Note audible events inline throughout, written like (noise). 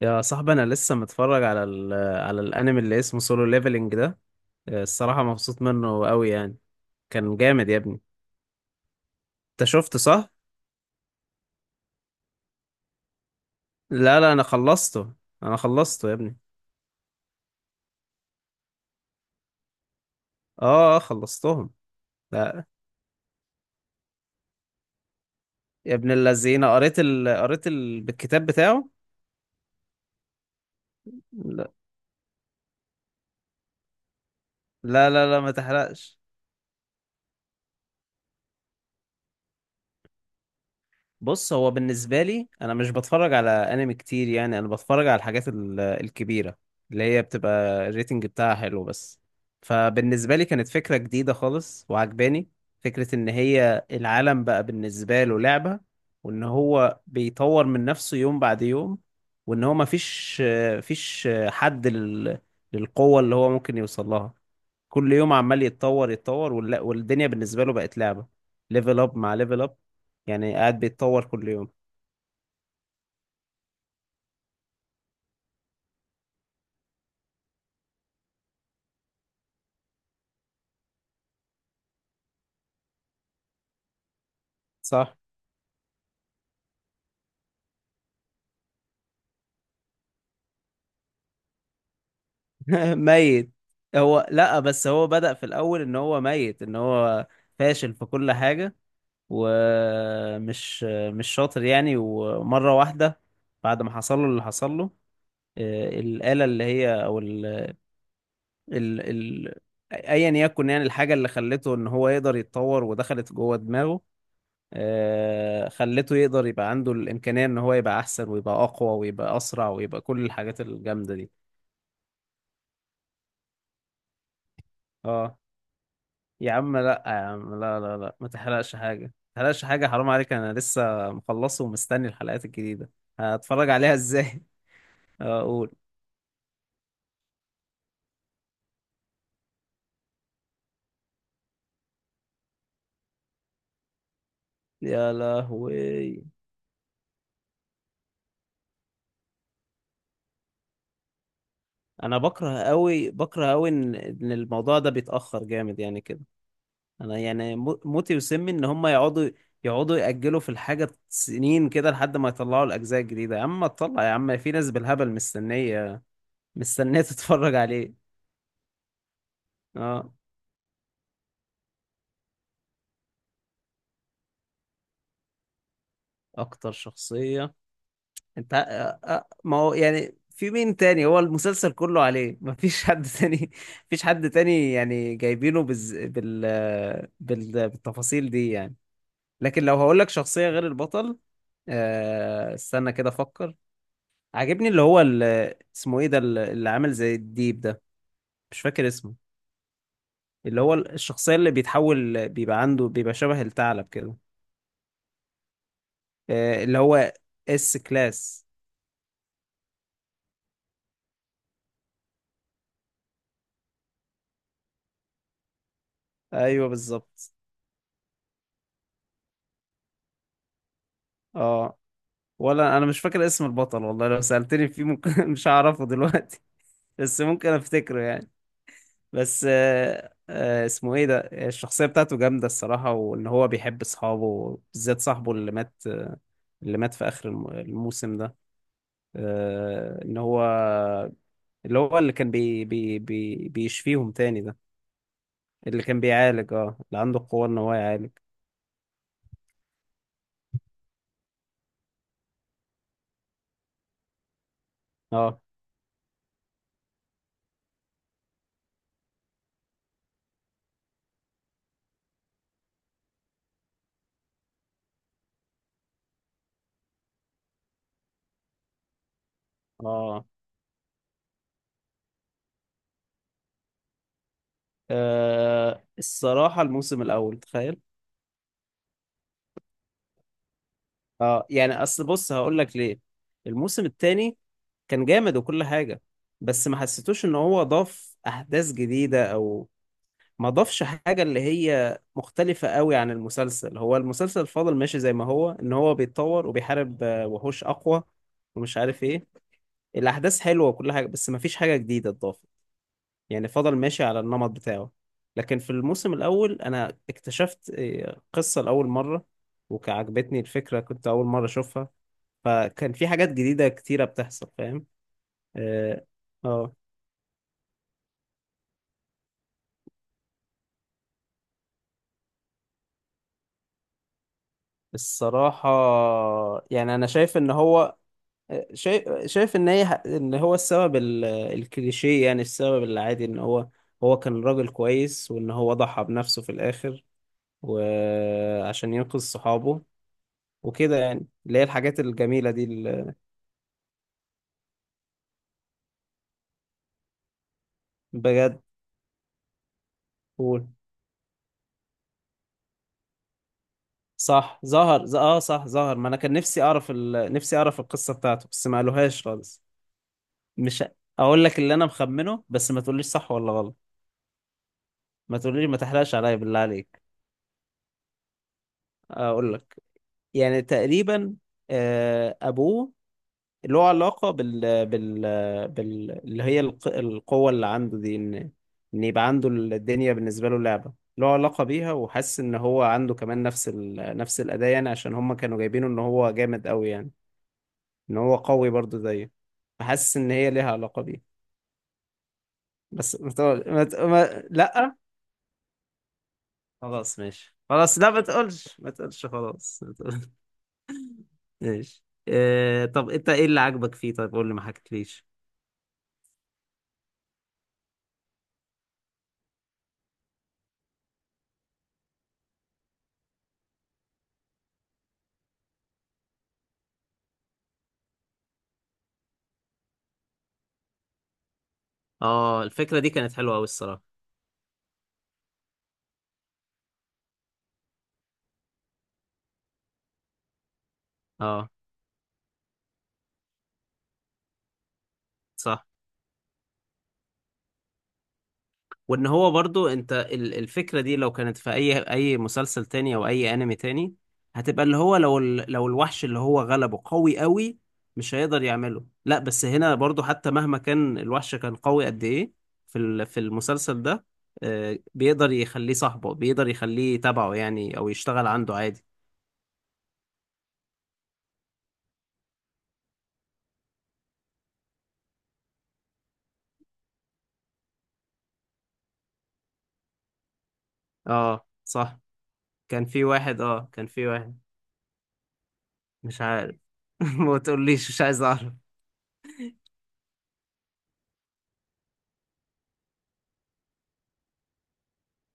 يا صاحبي انا لسه متفرج على ال على الانمي اللي اسمه سولو ليفلنج ده. الصراحه مبسوط منه قوي يعني. كان جامد يا ابني. انت شفته صح؟ لا، انا خلصته. انا خلصته يا ابني. خلصتهم. لا. يا ابن اللذينه بالكتاب بتاعه. لا. لا، ما تحرقش. بص، هو بالنسبة لي أنا مش بتفرج على أنمي كتير، يعني أنا بتفرج على الكبيرة اللي هي بتبقى الريتنج بتاعها حلو بس. فبالنسبة لي كانت فكرة جديدة خالص وعجباني. فكرة إن هي العالم بقى بالنسبة له لعبة، وإن هو بيطور من نفسه يوم بعد يوم، وإن هو مفيش فيش حد لل- للقوة اللي هو ممكن يوصل لها. كل يوم عمال يتطور، والدنيا بالنسبة له بقت لعبة. ليفل اب مع ليفل اب، يعني قاعد بيتطور كل يوم. صح. (laughs) ميت. هو لا بس هو بدأ في الأول إن هو ميت، إن هو فاشل في كل حاجة، ومش مش شاطر يعني. ومرة واحدة بعد ما حصل له اللي حصل له، الآلة اللي هي أو ال ال ال أيا يكن، يعني الحاجة اللي خلته إن هو يقدر يتطور ودخلت جوه دماغه. خلته يقدر يبقى عنده الإمكانية إن هو يبقى أحسن ويبقى أقوى ويبقى أسرع ويبقى كل الحاجات الجامدة دي. اه. يا عم لا، يا عم لا، ما تحرقش حاجة، ما تحرقش حاجة، حرام عليك، أنا لسه مخلصه ومستني الحلقات الجديدة. هتفرج عليها إزاي؟ (laughs) أقول. يا لهوي. أنا بكره أوي، بكره أوي إن الموضوع ده بيتأخر جامد يعني كده. انا يعني موتي وسمي ان هم يقعدوا يأجلوا في الحاجة سنين كده لحد ما يطلعوا الأجزاء الجديدة. يا عم طلع يا عم، في ناس بالهبل مستنية (laughs) تتفرج عليه. اه. أكتر شخصية. أنت آه، آه، ما هو يعني في مين تاني، هو المسلسل كله عليه. (laughs) مفيش حد تاني. (laughs) مفيش حد تاني، يعني جايبينه بز... بال... آه، بال... بالتفاصيل دي يعني. لكن لو هقولك شخصية غير البطل، استنى كده أفكر. عاجبني اللي هو اللي اسمه ايه ده، اللي عامل زي الديب ده، مش فاكر اسمه. اللي هو الشخصية اللي بيتحول، بيبقى عنده، بيبقى شبه الثعلب كده. اللي هو اس كلاس. ايوه بالظبط. اه. ولا انا مش فاكر اسم البطل والله، لو سألتني فيه ممكن (laughs) مش هعرفه دلوقتي. بس ممكن افتكره يعني. بس اسمه ايه ده، الشخصية بتاعته جامدة الصراحة، وان هو بيحب اصحابه، بالذات صاحبه اللي مات، اللي مات في اخر الموسم ده. ان هو اللي هو اللي كان بي بي بي بيشفيهم تاني ده. اللي كان بيعالج. اه اللي عنده القوة ان هو يعالج. اه. اه. الصراحة الموسم الاول تخيل. اه يعني اصل بص هقول لك ليه. الموسم التاني كان جامد وكل حاجة، بس ما حسيتوش ان هو ضاف احداث جديدة او، ما ضافش حاجة اللي هي مختلفة قوي عن المسلسل. هو المسلسل فضل ماشي زي ما هو، ان هو بيتطور وبيحارب وحوش اقوى ومش عارف ايه. الاحداث حلوة وكل حاجة، بس ما فيش حاجة جديدة اتضافت، يعني فضل ماشي على النمط بتاعه. لكن في الموسم الاول انا اكتشفت قصة لأول مرة، وعجبتني الفكرة، كنت أول مرة أشوفها، فكان في حاجات جديدة كتيرة بتحصل فاهم. اه. آه. الصراحة يعني أنا شايف إن هو، شايف ان هي ان هو السبب الكليشيه، يعني السبب العادي ان هو، هو كان راجل كويس وان هو ضحى بنفسه في الاخر وعشان ينقذ صحابه وكده يعني، اللي هي الحاجات الجميله دي. بجد. قول. صح ظهر، صح ظهر. ما انا كان نفسي اعرف القصه بتاعته بس ما قالوهاش خالص. مش ه- اقول لك اللي انا مخمنه بس ما تقوليش صح ولا غلط. ما تقوليش، ما تحرقش عليا بالله عليك. اقول لك. يعني تقريبا ابوه له علاقة بال اللي هي القوة اللي عنده دي، إن إن يبقى عنده الدنيا بالنسبة له لعبة، له علاقة بيها، وحاسس إن هو عنده كمان نفس الأداء يعني، عشان هما كانوا جايبينه إن هو جامد أوي يعني، إن هو قوي برضه زيه. فحاسس إن هي ليها علاقة بيه. بس ما تقول ما... ت- ما... لأ. خلاص ماشي خلاص، لا ما تقولش، ما تقولش، خلاص ما تقولش. (laughs) ماشي. طب أنت إيه اللي عجبك فيه، طيب قول لي ما حكيتليش. آه الفكرة دي كانت حلوة أوي الصراحة. آه صح. وان هو برضو انت الفكرة دي لو كانت في اي مسلسل تاني او اي انمي تاني، هتبقى اللي هو لو لو الوحش اللي هو غلبه قوي قوي، مش هيقدر يعمله. لا بس هنا برضو، حتى مهما كان الوحش كان قوي قد ايه، في المسلسل ده بيقدر يخليه صاحبه، بيقدر يخليه تبعه يعني، او يشتغل عنده عادي. اه صح. كان في واحد. مش عارف. (laughs) ما تقوليش، مش عايز اعرف.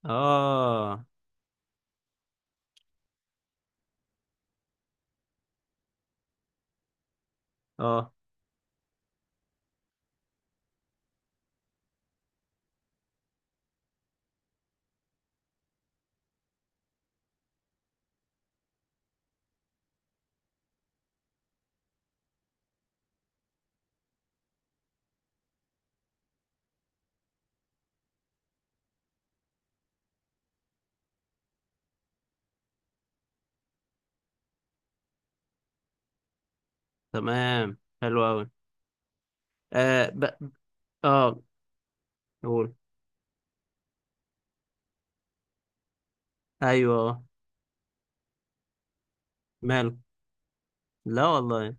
اه. اه. تمام حلو قوي. اه ب... اه. قول. ايوه آه. ماله. لا والله.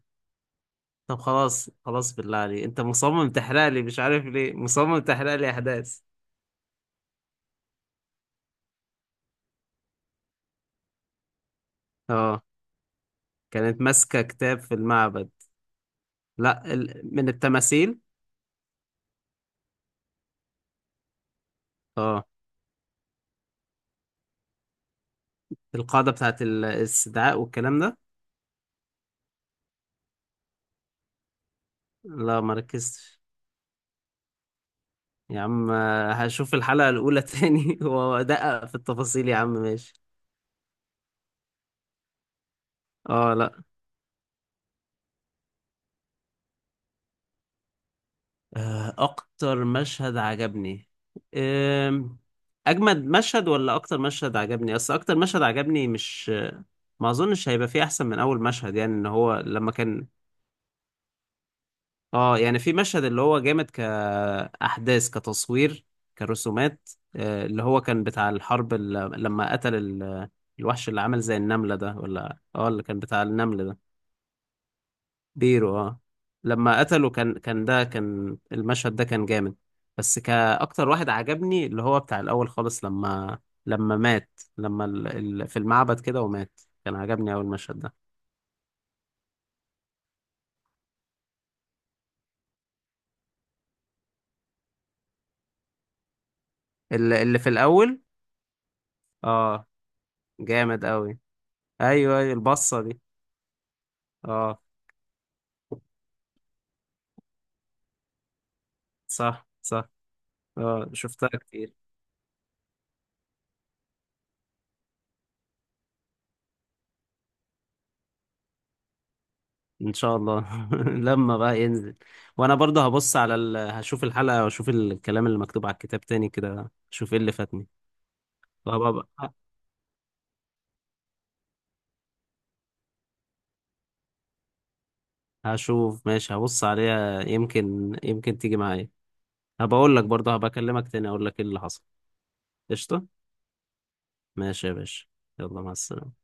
طب خلاص خلاص بالله عليك، انت مصمم تحرق لي، مش عارف ليه مصمم تحرق لي احداث. اه كانت ماسكه كتاب في المعبد. لا من التماثيل. اه. القاعده بتاعت الاستدعاء والكلام ده. لا ما ركزتش. يا عم، هشوف الحلقه الاولى تاني (laughs) وادقق في التفاصيل يا عم ماشي. اه لا. اكتر مشهد عجبني، آم، اجمد مشهد ولا اكتر مشهد عجبني، اصل اكتر مشهد عجبني مش، ما اظنش هيبقى فيه احسن من اول مشهد، يعني ان هو لما كان، اه يعني في مشهد اللي هو جامد كاحداث كتصوير كرسومات، اللي هو كان بتاع الحرب لما قتل الوحش اللي عمل زي النملة ده، ولا اه اللي كان بتاع النمل ده. بيرو اه. لما قتله كان المشهد ده كان جامد. بس كأكتر واحد عجبني اللي هو بتاع الأول خالص، لما مات، لما في المعبد كده ومات، كان عجبني أول المشهد ده. اللي في الأول. اه جامد أوي. أيوه البصة دي. اه. صح. اه شفتها كتير. إن شاء الله (laughs) لما بقى ينزل. وأنا برضه هشوف الحلقة وأشوف الكلام اللي مكتوب على الكتاب تاني كده، أشوف إيه اللي فاتني. طب هشوف ماشي، هبص عليها، يمكن تيجي معايا. هبقول لك برضه، هبكلمك تاني اقول لك ايه اللي حصل. قشطة. ماشي يا باشا. يلا مع السلامة.